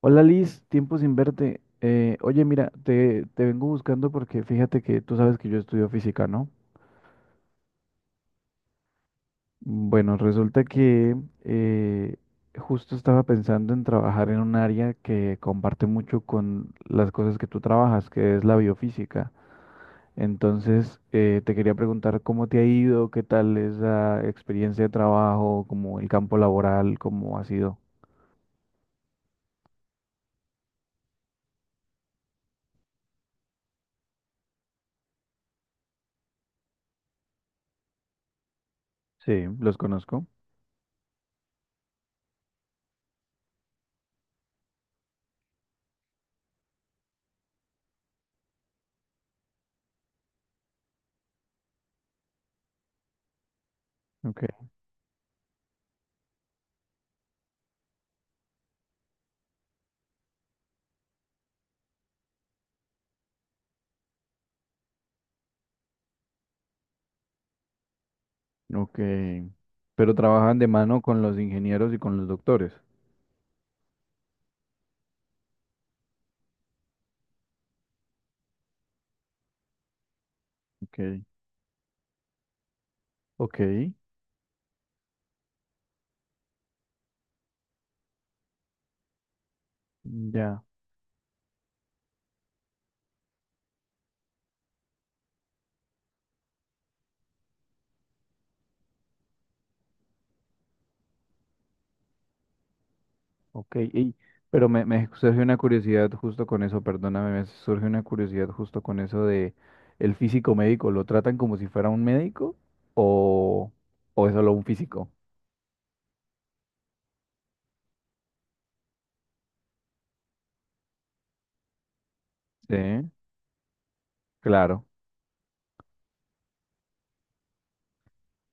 Hola Liz, tiempo sin verte. Oye, mira, te vengo buscando porque fíjate que tú sabes que yo estudio física, ¿no? Bueno, resulta que eh, justo estaba pensando en trabajar en un área que comparte mucho con las cosas que tú trabajas, que es la biofísica. Entonces, te quería preguntar cómo te ha ido, qué tal esa experiencia de trabajo, como el campo laboral, cómo ha sido. Sí, los conozco. Ok. Ok. Pero trabajan de mano con los ingenieros y con los doctores. Ok. Ok. Ya. Ok. Pero me surge una curiosidad justo con eso, perdóname, me surge una curiosidad justo con eso de el físico médico. ¿Lo tratan como si fuera un médico o, o es solo un físico? Sí, claro.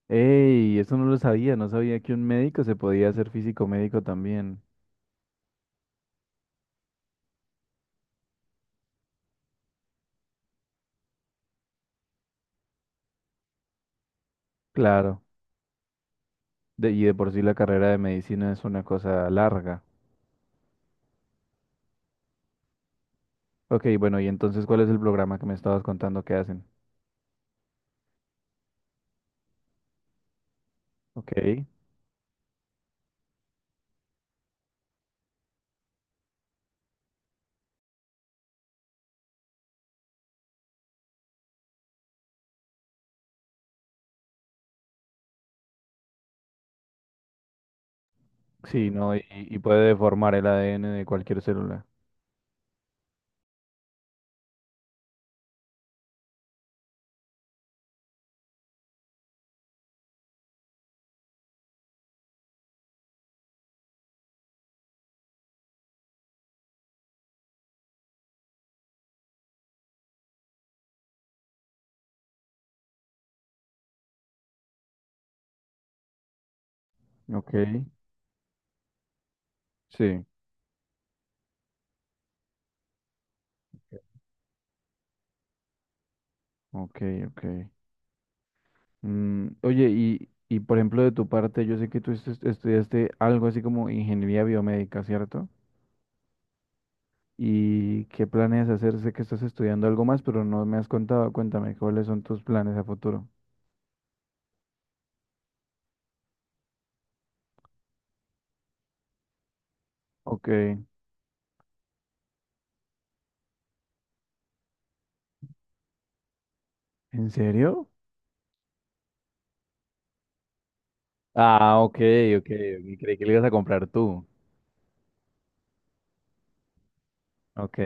Ey, eso no lo sabía, no sabía que un médico se podía hacer físico médico también. Claro. Y de por sí la carrera de medicina es una cosa larga. Ok, bueno, y entonces, ¿cuál es el programa que me estabas contando que hacen? Ok, sí, no, y puede deformar el ADN de cualquier célula. Ok, sí, ok, ok. Mm, oye, y por ejemplo, de tu parte, yo sé que tú estudiaste algo así como ingeniería biomédica, ¿cierto? ¿Y qué planeas hacer? Sé que estás estudiando algo más, pero no me has contado. Cuéntame, ¿cuáles son tus planes a futuro? Ok, ¿en serio? Ah, ok, ok, ok, creí que le ibas a comprar tú. Ok,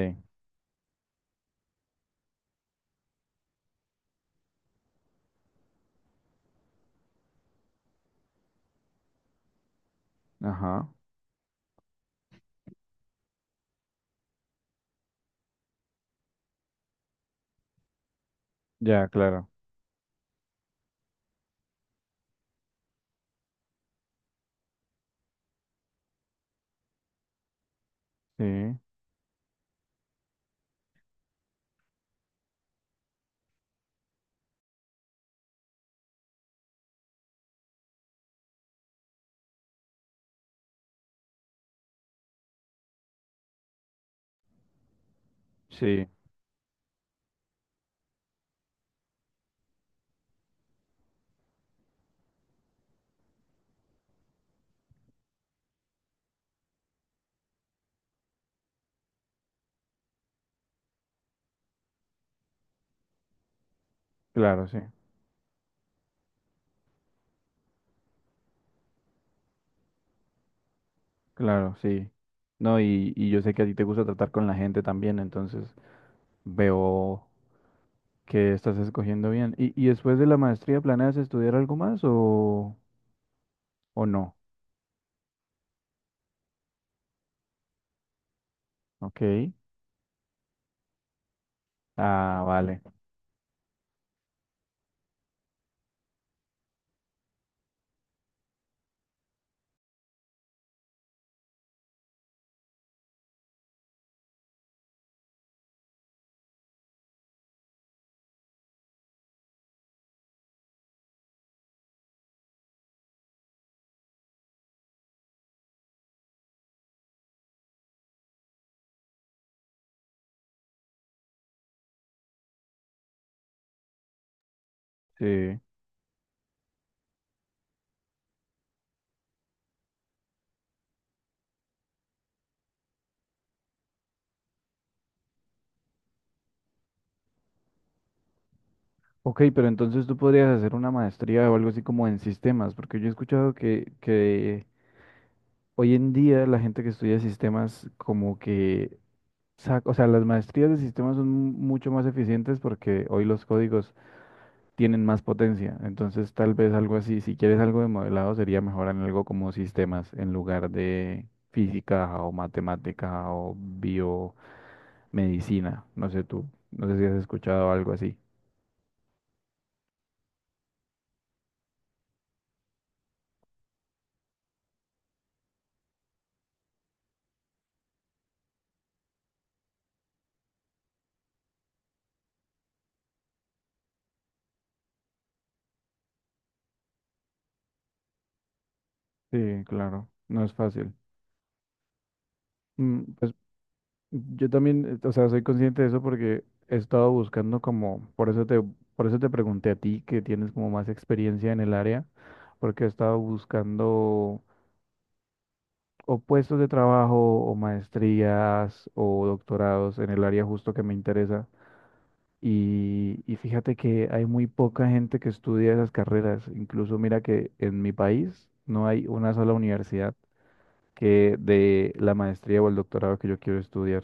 ajá. Ya, claro. Sí, sí, claro, sí, claro, sí. No, y yo sé que a ti te gusta tratar con la gente también, entonces veo que estás escogiendo bien. Y después de la maestría planeas estudiar algo más o no? Ok. Ah, vale. Sí. Ok, pero entonces tú podrías hacer una maestría o algo así como en sistemas, porque yo he escuchado que hoy en día la gente que estudia sistemas como que O sea, las maestrías de sistemas son mucho más eficientes porque hoy los códigos tienen más potencia. Entonces, tal vez algo así, si quieres algo de modelado, sería mejor en algo como sistemas en lugar de física o matemática o biomedicina. No sé tú, no sé si has escuchado algo así. Sí, claro, no es fácil. Mm, pues yo también, o sea, soy consciente de eso porque he estado buscando como, por eso por eso te pregunté a ti que tienes como más experiencia en el área, porque he estado buscando o puestos de trabajo o maestrías o doctorados en el área justo que me interesa. Y fíjate que hay muy poca gente que estudia esas carreras. Incluso mira que en mi país no hay una sola universidad que de la maestría o el doctorado que yo quiero estudiar.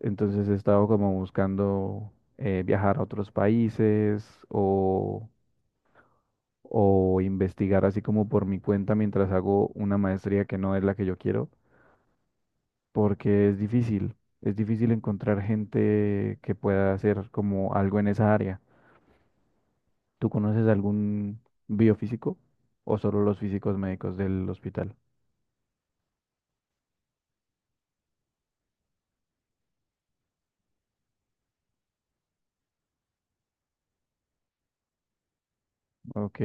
Entonces he estado como buscando viajar a otros países o, o investigar así como por mi cuenta mientras hago una maestría que no es la que yo quiero, porque es difícil encontrar gente que pueda hacer como algo en esa área. ¿Tú conoces algún biofísico o solo los físicos médicos del hospital? Ok,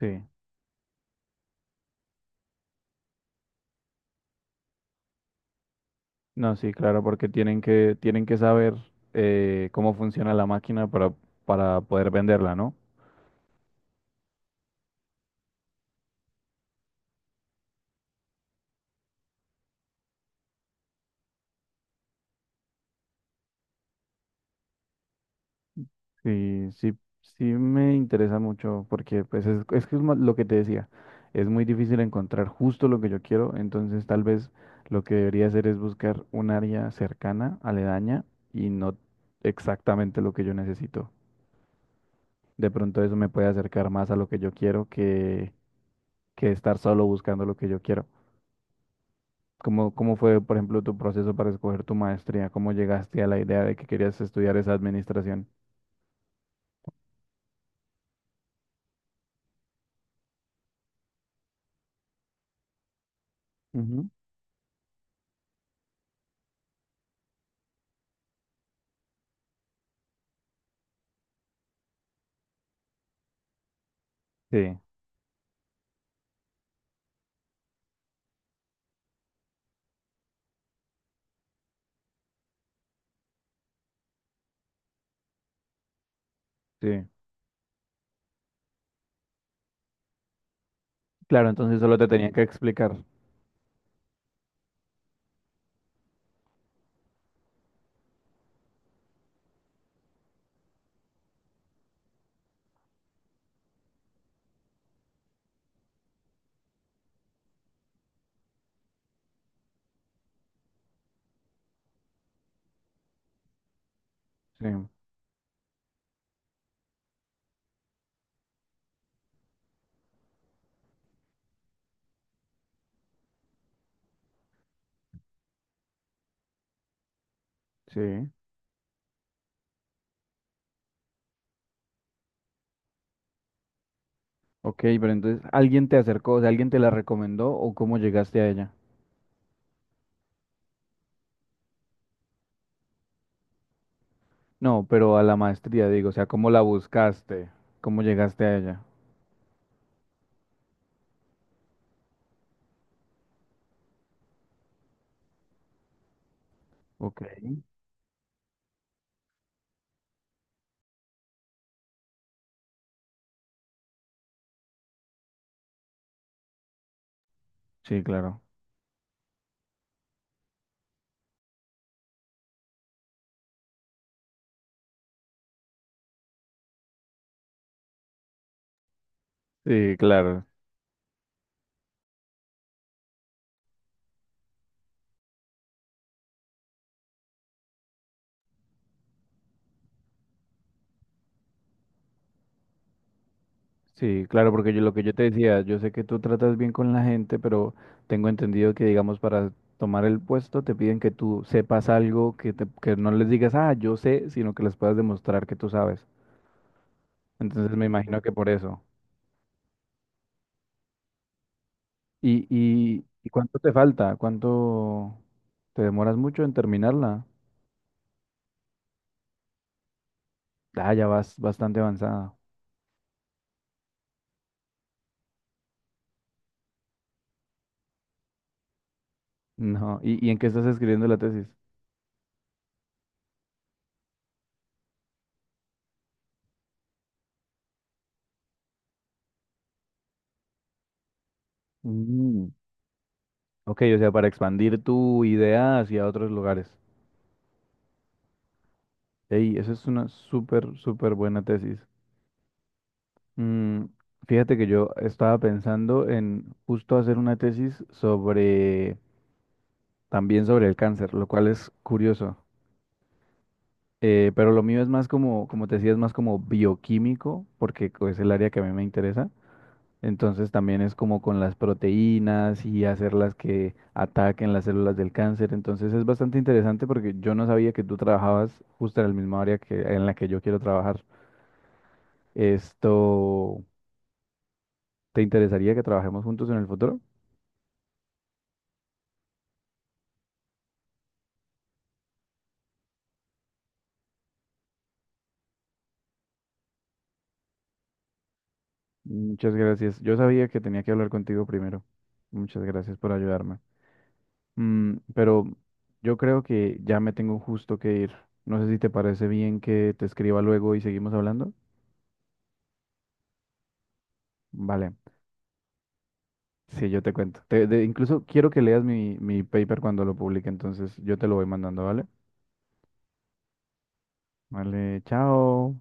sí. No, sí, claro, porque tienen que saber cómo funciona la máquina para poder venderla, ¿no? Sí, sí, sí me interesa mucho porque pues es que es lo que te decía, es muy difícil encontrar justo lo que yo quiero, entonces tal vez lo que debería hacer es buscar un área cercana, aledaña y no exactamente lo que yo necesito. De pronto eso me puede acercar más a lo que yo quiero que estar solo buscando lo que yo quiero. ¿Cómo, cómo fue, por ejemplo, tu proceso para escoger tu maestría? ¿Cómo llegaste a la idea de que querías estudiar esa administración? Ujú. Sí, sí. Claro, entonces solo te tenían que explicar. Sí, sí. Ok, pero entonces, ¿alguien te acercó, o sea, alguien te la recomendó o cómo llegaste a ella? No, pero a la maestría, digo, o sea, ¿cómo la buscaste? ¿Cómo llegaste a ella? Ok. Sí, claro. Sí, claro. Sí, claro, porque yo, lo que yo te decía, yo sé que tú tratas bien con la gente, pero tengo entendido que, digamos, para tomar el puesto te piden que tú sepas algo, que, que no les digas, ah, yo sé, sino que les puedas demostrar que tú sabes. Entonces me imagino que por eso. Y cuánto te falta? ¿Cuánto te demoras mucho en terminarla? Ah, ya vas bastante avanzada. No, y en qué estás escribiendo la tesis? Mm, ok, o sea, para expandir tu idea hacia otros lugares. Ey, eso es una súper, súper buena tesis. Mm, fíjate que yo estaba pensando en justo hacer una tesis sobre, también sobre el cáncer, lo cual es curioso. Pero lo mío es más como, como te decía, es más como bioquímico, porque es el área que a mí me interesa. Entonces también es como con las proteínas y hacerlas que ataquen las células del cáncer. Entonces es bastante interesante porque yo no sabía que tú trabajabas justo en el mismo área que, en la que yo quiero trabajar. Esto, ¿te interesaría que trabajemos juntos en el futuro? Muchas gracias. Yo sabía que tenía que hablar contigo primero. Muchas gracias por ayudarme. Mm, pero yo creo que ya me tengo justo que ir. No sé si te parece bien que te escriba luego y seguimos hablando. Vale, sí, yo te cuento. Incluso quiero que leas mi paper cuando lo publique, entonces yo te lo voy mandando, ¿vale? Vale, chao.